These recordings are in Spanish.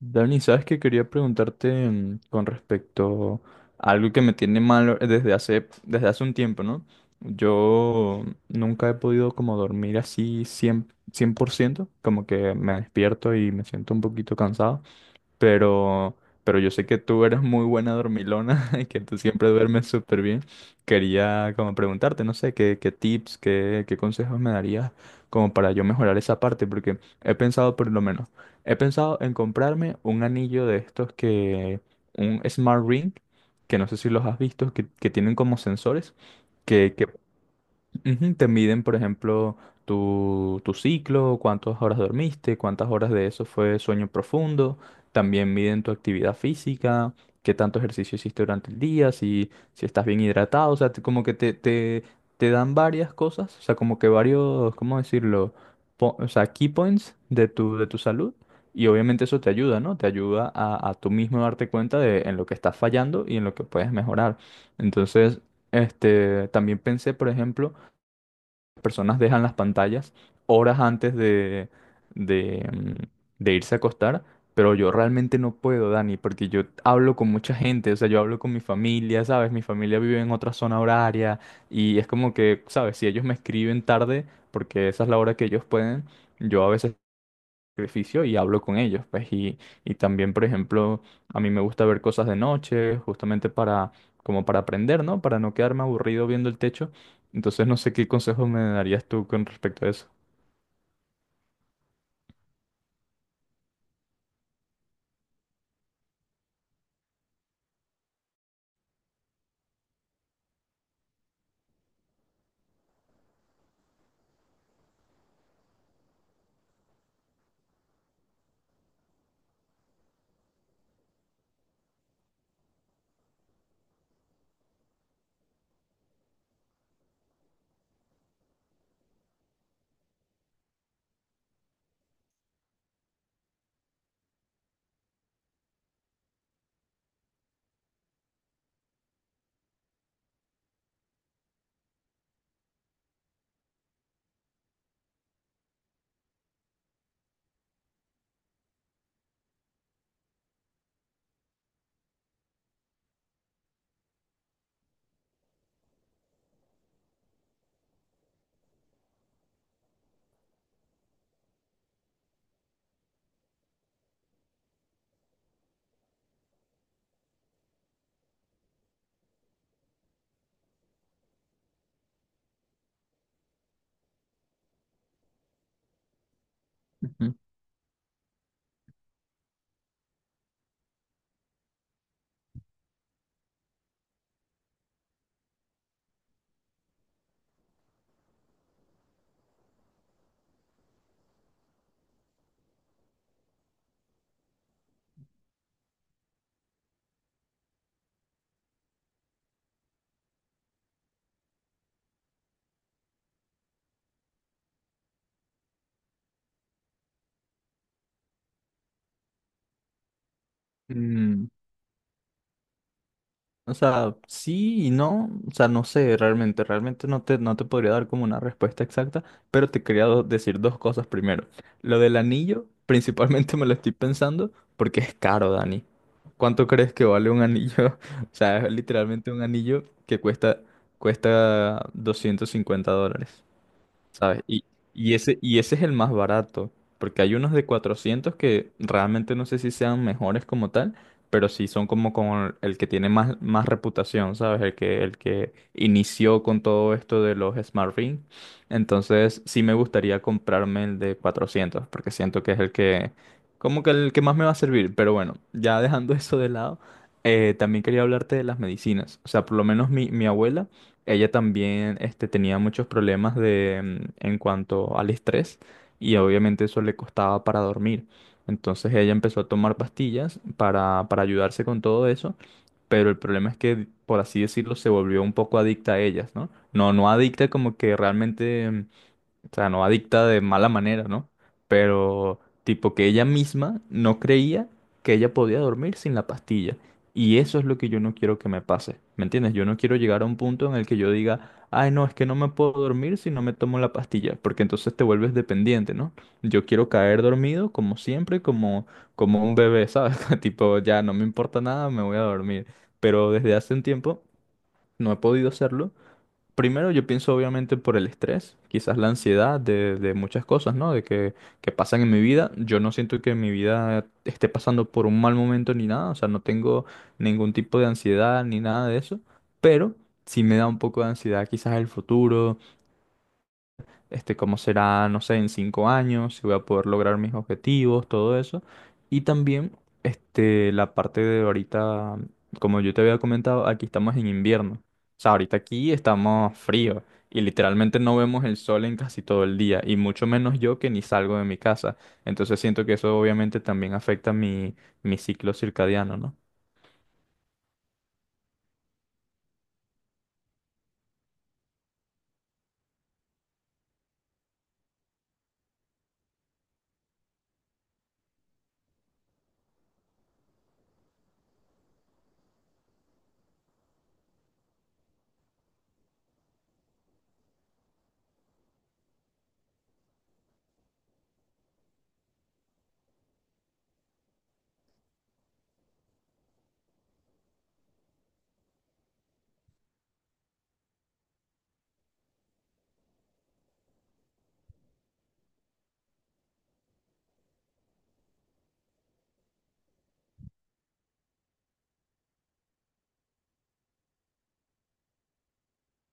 Dani, sabes que quería preguntarte con respecto a algo que me tiene mal desde hace un tiempo, ¿no? Yo nunca he podido como dormir así 100%, 100%, como que me despierto y me siento un poquito cansado pero, pero yo sé que tú eres muy buena dormilona y que tú siempre duermes súper bien. Quería como preguntarte, no sé, qué tips, qué consejos me darías como para yo mejorar esa parte, porque he pensado por lo menos, he pensado en comprarme un anillo de estos que, un Smart Ring, que no sé si los has visto, que tienen como sensores. Que Ujú, te miden, por ejemplo, tu ciclo, cuántas horas dormiste, cuántas horas de eso fue sueño profundo. También miden tu actividad física, qué tanto ejercicio hiciste durante el día, si estás bien hidratado. O sea, como que te dan varias cosas, o sea, como que varios, ¿cómo decirlo? O sea, key points de de tu salud. Y obviamente eso te ayuda, ¿no? Te ayuda a tú mismo darte cuenta de en lo que estás fallando y en lo que puedes mejorar. Entonces, este, también pensé, por ejemplo, personas dejan las pantallas horas antes de, de, mm, de irse a acostar, pero yo realmente no puedo, Dani, porque yo hablo con mucha gente, o sea, yo hablo con mi familia, ¿sabes? Mi familia vive en otra zona horaria y es como que, ¿sabes? Si ellos me escriben tarde, porque esa es la hora que ellos pueden, yo a veces sacrificio y hablo con ellos, pues, y también, por ejemplo, a mí me gusta ver cosas de noche, justamente para, como para aprender, ¿no? Para no quedarme aburrido viendo el techo. Entonces, no sé qué consejos me darías tú con respecto a eso. Ujú. Mm. O sea, sí y no, o sea, no sé, realmente, realmente no te podría dar como una respuesta exacta, pero te quería decir dos cosas primero. Lo del anillo, principalmente me lo estoy pensando porque es caro, Dani. ¿Cuánto crees que vale un anillo? O sea, es literalmente un anillo que cuesta $250. ¿Sabes? Y y ese es el más barato, porque hay unos de 400 que realmente no sé si sean mejores como tal, pero sí son como con el que tiene más reputación, ¿sabes? El que inició con todo esto de los Smart Ring. Entonces sí me gustaría comprarme el de 400 porque siento que es el que, como que el que más me va a servir, pero bueno, ya dejando eso de lado. También quería hablarte de las medicinas. O sea, por lo menos mi abuela ella también este, tenía muchos problemas en cuanto al estrés y obviamente eso le costaba para dormir. Entonces ella empezó a tomar pastillas para ayudarse con todo eso, pero el problema es que, por así decirlo, se volvió un poco adicta a ellas, ¿no? No, no adicta como que realmente o sea, no adicta de mala manera, ¿no? Pero tipo que ella misma no creía que ella podía dormir sin la pastilla. Y eso es lo que yo no quiero que me pase. ¿Me entiendes? Yo no quiero llegar a un punto en el que yo diga, ay, no, es que no me puedo dormir si no me tomo la pastilla, porque entonces te vuelves dependiente, ¿no? Yo quiero caer dormido como siempre, como, un bebé, ¿sabes? Tipo, ya no me importa nada, me voy a dormir. Pero desde hace un tiempo no he podido hacerlo. Primero yo pienso obviamente por el estrés, quizás la ansiedad de muchas cosas, ¿no? De que pasan en mi vida. Yo no siento que mi vida esté pasando por un mal momento ni nada, o sea, no tengo ningún tipo de ansiedad ni nada de eso, pero sí me da un poco de ansiedad quizás el futuro, este, cómo será, no sé, en 5 años, si voy a poder lograr mis objetivos, todo eso. Y también, este, la parte de ahorita, como yo te había comentado, aquí estamos en invierno. O sea, ahorita aquí estamos frío y literalmente no vemos el sol en casi todo el día y mucho menos yo que ni salgo de mi casa. Entonces siento que eso obviamente también afecta mi ciclo circadiano, ¿no?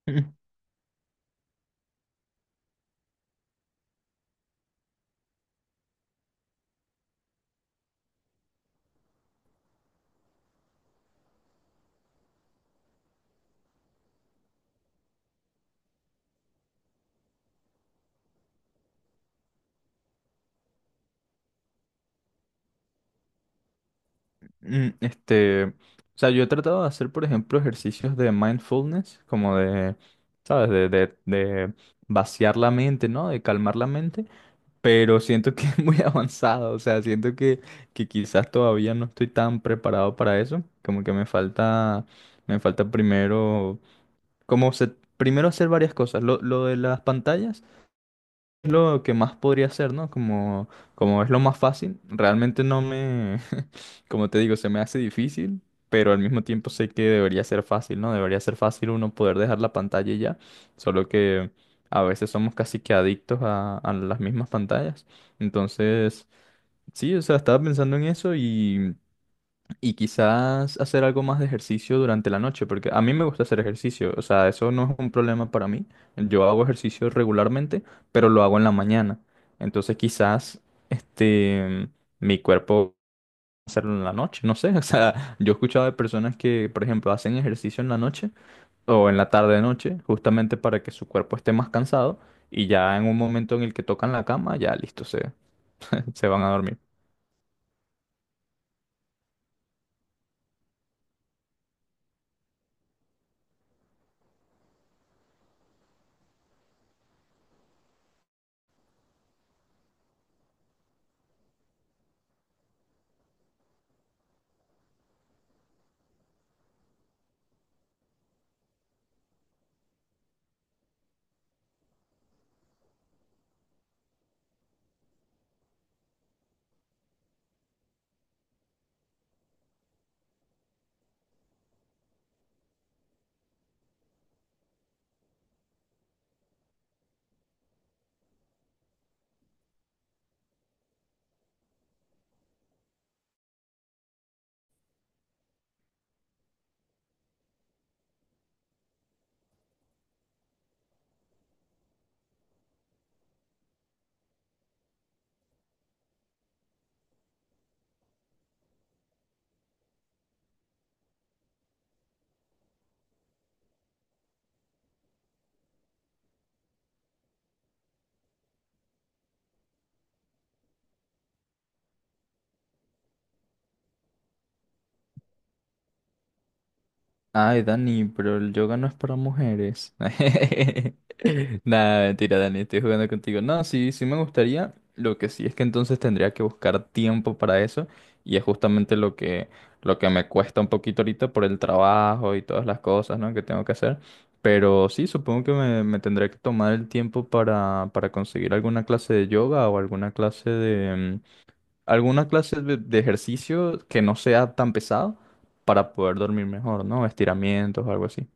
Este, o sea, yo he tratado de hacer, por ejemplo, ejercicios de mindfulness, como de, ¿sabes? De vaciar la mente, ¿no? De calmar la mente, pero siento que es muy avanzado, o sea, siento que quizás todavía no estoy tan preparado para eso, como que me falta primero, como se- primero hacer varias cosas. Lo de las pantallas es lo que más podría hacer, ¿no? Como es lo más fácil, realmente no me, como te digo, se me hace difícil, pero al mismo tiempo sé que debería ser fácil, ¿no? Debería ser fácil uno poder dejar la pantalla y ya, solo que a veces somos casi que adictos a las mismas pantallas. Entonces, sí, o sea, estaba pensando en eso y quizás hacer algo más de ejercicio durante la noche, porque a mí me gusta hacer ejercicio, o sea, eso no es un problema para mí. Yo hago ejercicio regularmente, pero lo hago en la mañana. Entonces quizás este mi cuerpo hacerlo en la noche, no sé, o sea, yo he escuchado de personas que, por ejemplo, hacen ejercicio en la noche o en la tarde noche, justamente para que su cuerpo esté más cansado y ya en un momento en el que tocan la cama, ya listo, se van a dormir. Ay, Dani, pero el yoga no es para mujeres. Nada, mentira, Dani, estoy jugando contigo. No, sí, sí me gustaría. Lo que sí es que entonces tendría que buscar tiempo para eso. Y es justamente lo que, me cuesta un poquito ahorita por el trabajo y todas las cosas, ¿no? Que tengo que hacer. Pero sí, supongo que me tendré que tomar el tiempo para conseguir alguna clase de yoga o alguna clase de ejercicio que no sea tan pesado para poder dormir mejor, ¿no? Estiramientos o algo así.